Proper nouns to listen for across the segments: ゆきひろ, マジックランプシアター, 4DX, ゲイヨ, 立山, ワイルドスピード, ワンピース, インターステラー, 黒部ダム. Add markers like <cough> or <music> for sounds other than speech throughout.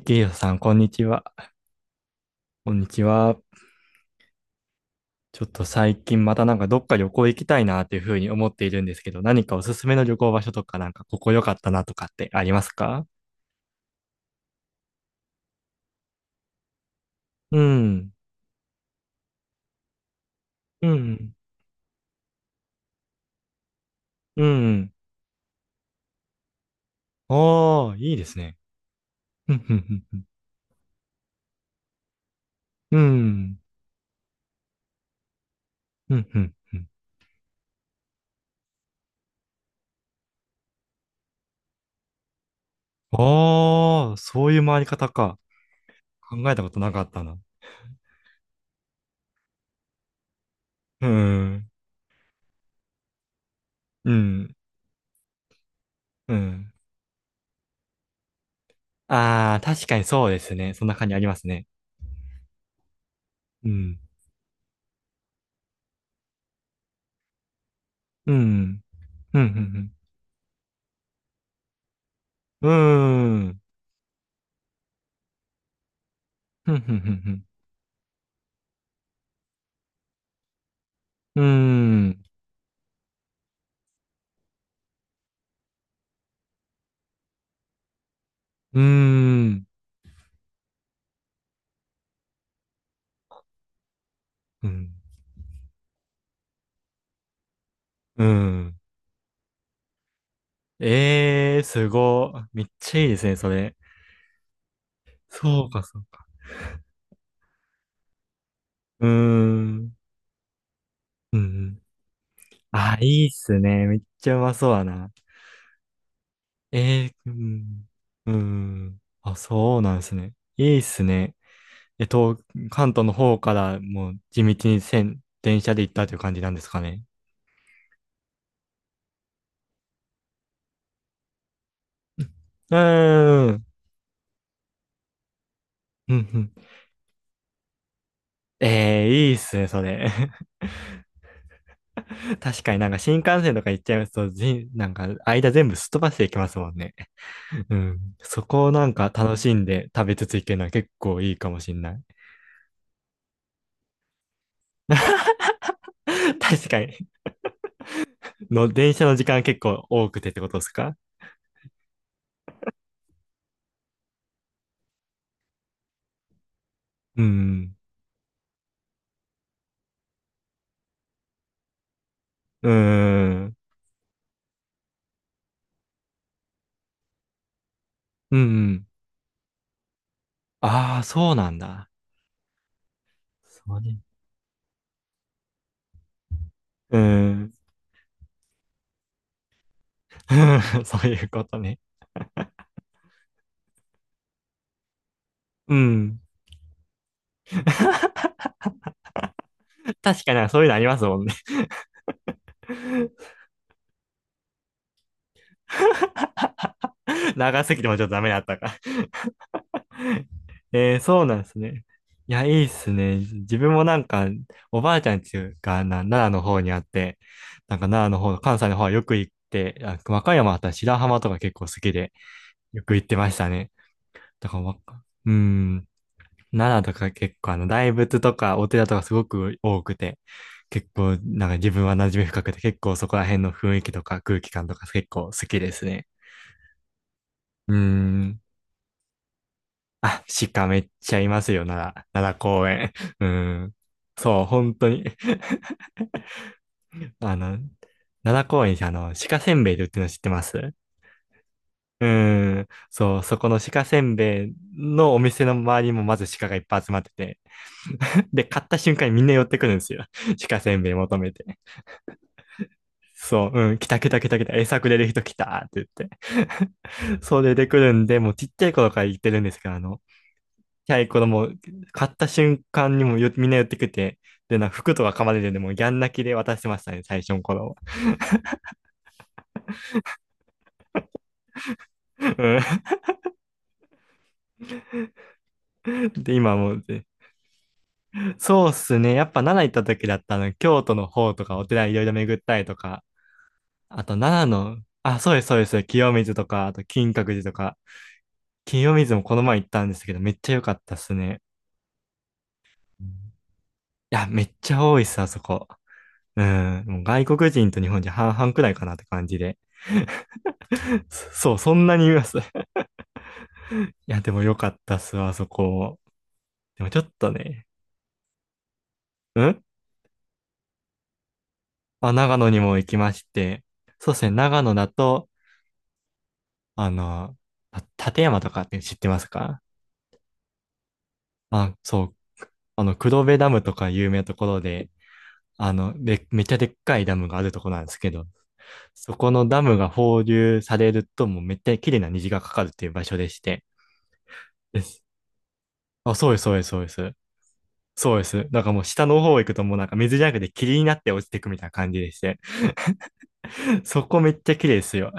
ゲイヨさん、こんにちは。こんにちは。ちょっと最近またなんかどっか旅行行きたいなっていうふうに思っているんですけど、何かおすすめの旅行場所とかなんかここ良かったなとかってありますか？うん。うん。うん。ああ、いいですね。うん。うん。うん。うん。うん。うん。ああー、そういう回り方か。考えたことなかったな。うん。うん。うん。ああ、確かにそうですね。そんな感じありますね。うん。うん。うん。うん。うん。うーん。ふんふんふんふん。うーん。うーん。うん。うん。ええー、すごい。めっちゃいいですね、それ。そうか、そうか。うーん。うん。あ、いいっすね。めっちゃうまそうだな。ええー、うん。うん。あ、そうなんですね。いいっすね。えっと、関東の方からもう地道に線、電車で行ったという感じなんですかね。うーん。うんうん。ええー、いいっすね、それ。確かになんか新幹線とか行っちゃいますと、じなんか間全部すっ飛ばしていきますもんね。<laughs> うん。そこをなんか楽しんで食べつつ行けるのは結構いいかもしんない。<laughs> 確かに。の、電車の時間結構多くてってことですか？うん。うーん。うん。ああ、そうなんだ。そうね。うん。<laughs> そういうことね。うん。確かになんかそういうのありますもんね。<laughs> 長すぎてもちょっとダメだったか。えー、そうなんですね。いや、いいっすね。自分もなんか、おばあちゃんちがな奈良の方にあって、なんか奈良の方、関西の方はよく行って、あ、和歌山あったら白浜とか結構好きで、よく行ってましたね。だから、わうん、奈良とか結構大仏とかお寺とかすごく多くて、結構、なんか自分は馴染み深くて、結構そこら辺の雰囲気とか空気感とか結構好きですね。うん。あ、鹿めっちゃいますよ、奈良、奈良公園。<laughs> うん。そう、本当に。<laughs> あの、奈良公園に鹿せんべいで売ってるの知ってます？うん。そう、そこの鹿せんべいのお店の周りもまず鹿がいっぱい集まってて。<laughs> で、買った瞬間にみんな寄ってくるんですよ。<laughs> 鹿せんべい求めて。そう、うん、来た来た来た来た、餌くれる人来たって言って。<laughs> そう出てくるんで、もうちっちゃい頃から言ってるんですけど、キャイコのもう、買った瞬間にもよみんな寄ってくて、で、なんか服とか噛まれてでもうギャン泣きで渡してましたね、最初の頃。うん。 <laughs> で、今はもう、で、そうっすね。やっぱ奈良行った時だったの、京都の方とかお寺いろいろ巡ったりとか、あと奈良の、あ、そうです、そうです。清水とか、あと金閣寺とか、清水もこの前行ったんですけど、めっちゃ良かったっすね。うん。いや、めっちゃ多いっす、あそこ。うん、もう外国人と日本人半々くらいかなって感じで。そそう、そんなにいます。いや、でも良かったっすわ、あそこ。でもちょっとね、うん、あ、長野にも行きまして、そうですね、長野だと、あの、た立山とかって知ってます？かあ、そう、黒部ダムとか有名なところで、で、めっちゃでっかいダムがあるとこなんですけど、そこのダムが放流されると、もうめっちゃ綺麗な虹がかかるっていう場所でして、です。あ、そうです、そうです、そうです。そうです。なんかもう下の方行くともうなんか水じゃなくて霧になって落ちてくみたいな感じでして、<laughs> そこめっちゃ綺麗ですよ。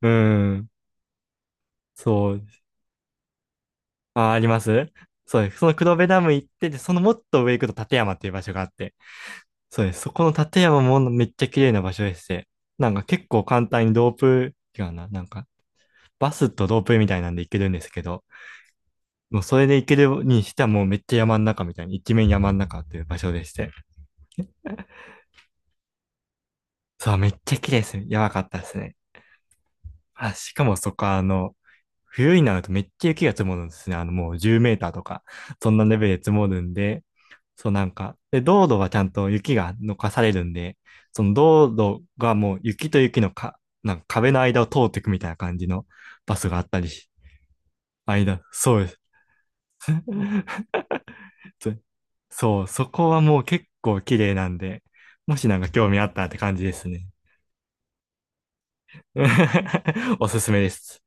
うん。そうです。あ、あります。そうです。その黒部ダム行って、で、そのもっと上行くと立山っていう場所があって。そうです。そこの立山もめっちゃ綺麗な場所でして。なんか結構簡単にロープ、違うな。なんか、バスとロープみたいなんで行けるんですけど、もうそれで行けるにしてはもうめっちゃ山の中みたいに、一面山の中という場所でして。そう、めっちゃ綺麗です。やばかったですね。あ、しかもそこは冬になるとめっちゃ雪が積もるんですね。もう10メーターとか、そんなレベルで積もるんで、そうなんか、で、道路はちゃんと雪が残かされるんで、その道路がもう雪と雪のか、なんか壁の間を通っていくみたいな感じのバスがあったりし、間、そうです。<laughs> そそう、そこはもう結構綺麗なんで、もしなんか興味あったらって感じですね。<laughs> おすすめです。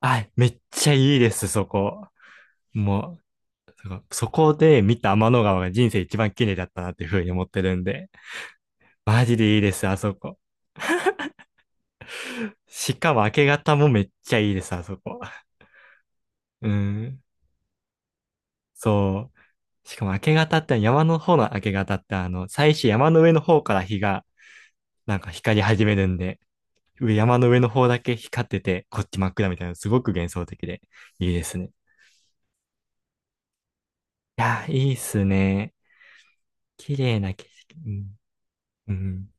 はい、めっちゃいいです、そこ。もう、そこそこで見た天の川が人生一番綺麗だったなっていうふうに思ってるんで、マジでいいです、あそこ。しかも明け方もめっちゃいいです、あそこ。うん。そう。しかも明け方って山の方の明け方って最初山の上の方から日がなんか光り始めるんで、上山の上の方だけ光ってて、こっち真っ暗みたいな、すごく幻想的でいいですね。いやー、いいっすね。綺麗な景色。うん。うん。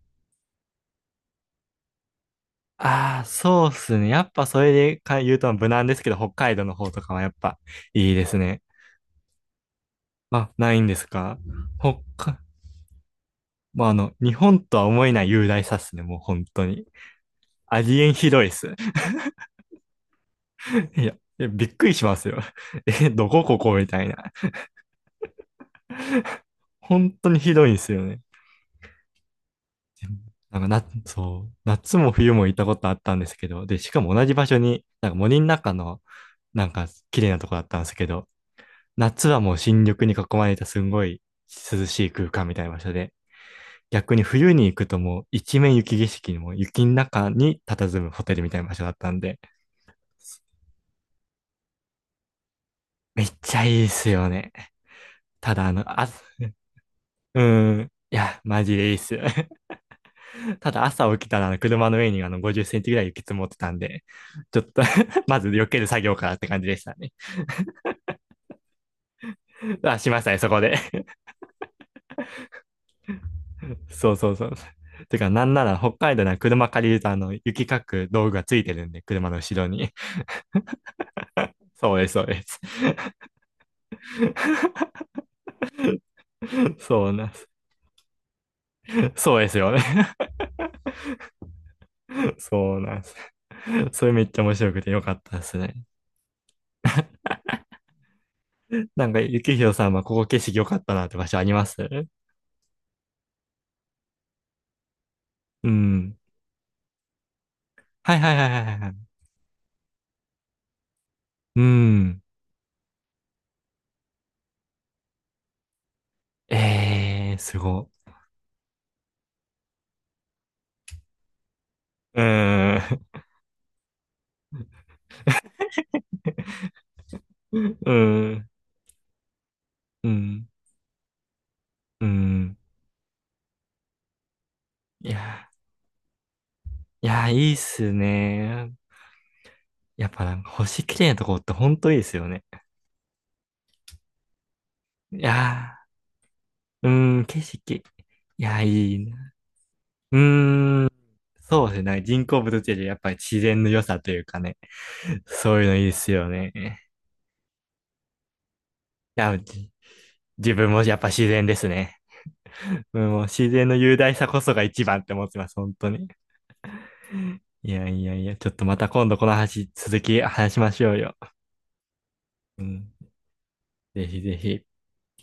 ああ、そうっすね。やっぱそれでか言うと無難ですけど、北海道の方とかはやっぱいいですね。あ、ないんですか？北海、まあ、日本とは思えない雄大さっすね。もう本当に。ありえんひどいっす。<laughs> いや、えびっくりしますよ。<laughs> え、どこここみたいな。本当にひどいんですよね。でもなんかな、そう、夏も冬も行ったことあったんですけど、で、しかも同じ場所に、なんか森の中の、なんか綺麗なとこだったんですけど、夏はもう新緑に囲まれたすんごい涼しい空間みたいな場所で、逆に冬に行くともう一面雪景色にも雪の中に佇むホテルみたいな場所だったんで、めっちゃいいっすよね。ただあ、うーん。いや、マジでいいっす。<laughs> ただ朝起きたら車の上に50センチぐらい雪積もってたんで、ちょっと <laughs> まず避ける作業からって感じでしたね。あ、しましたね、そこで。<laughs> そうそうそう。てか、なんなら北海道なら車借りると雪かく道具がついてるんで、車の後ろに。そうです、そうです。<laughs> そうなんです。<laughs> そうですよね。<laughs> そうなんです。それめっちゃ面白くてよかったですね。なんか、ゆきひろさんはここ景色良かったなって場所あります？うん。はいはいはいはいはい。うん。ええー、すご。うーん。<laughs> うん。うん。うん。いや、いや、いいっすね。やっぱなんか星綺麗なとこってほんといいですよね。いやー、うーん、景色。いや、いいな。うーん。そうですね。人工物っていうよりやっぱり自然の良さというかね。そういうのいいですよね。いや、じ自分もやっぱ自然ですね。うん、もう自然の雄大さこそが一番って思ってます。本当に。いやいやいや、ちょっとまた今度この話、続き話しましょうよ。うん。ぜひぜひ。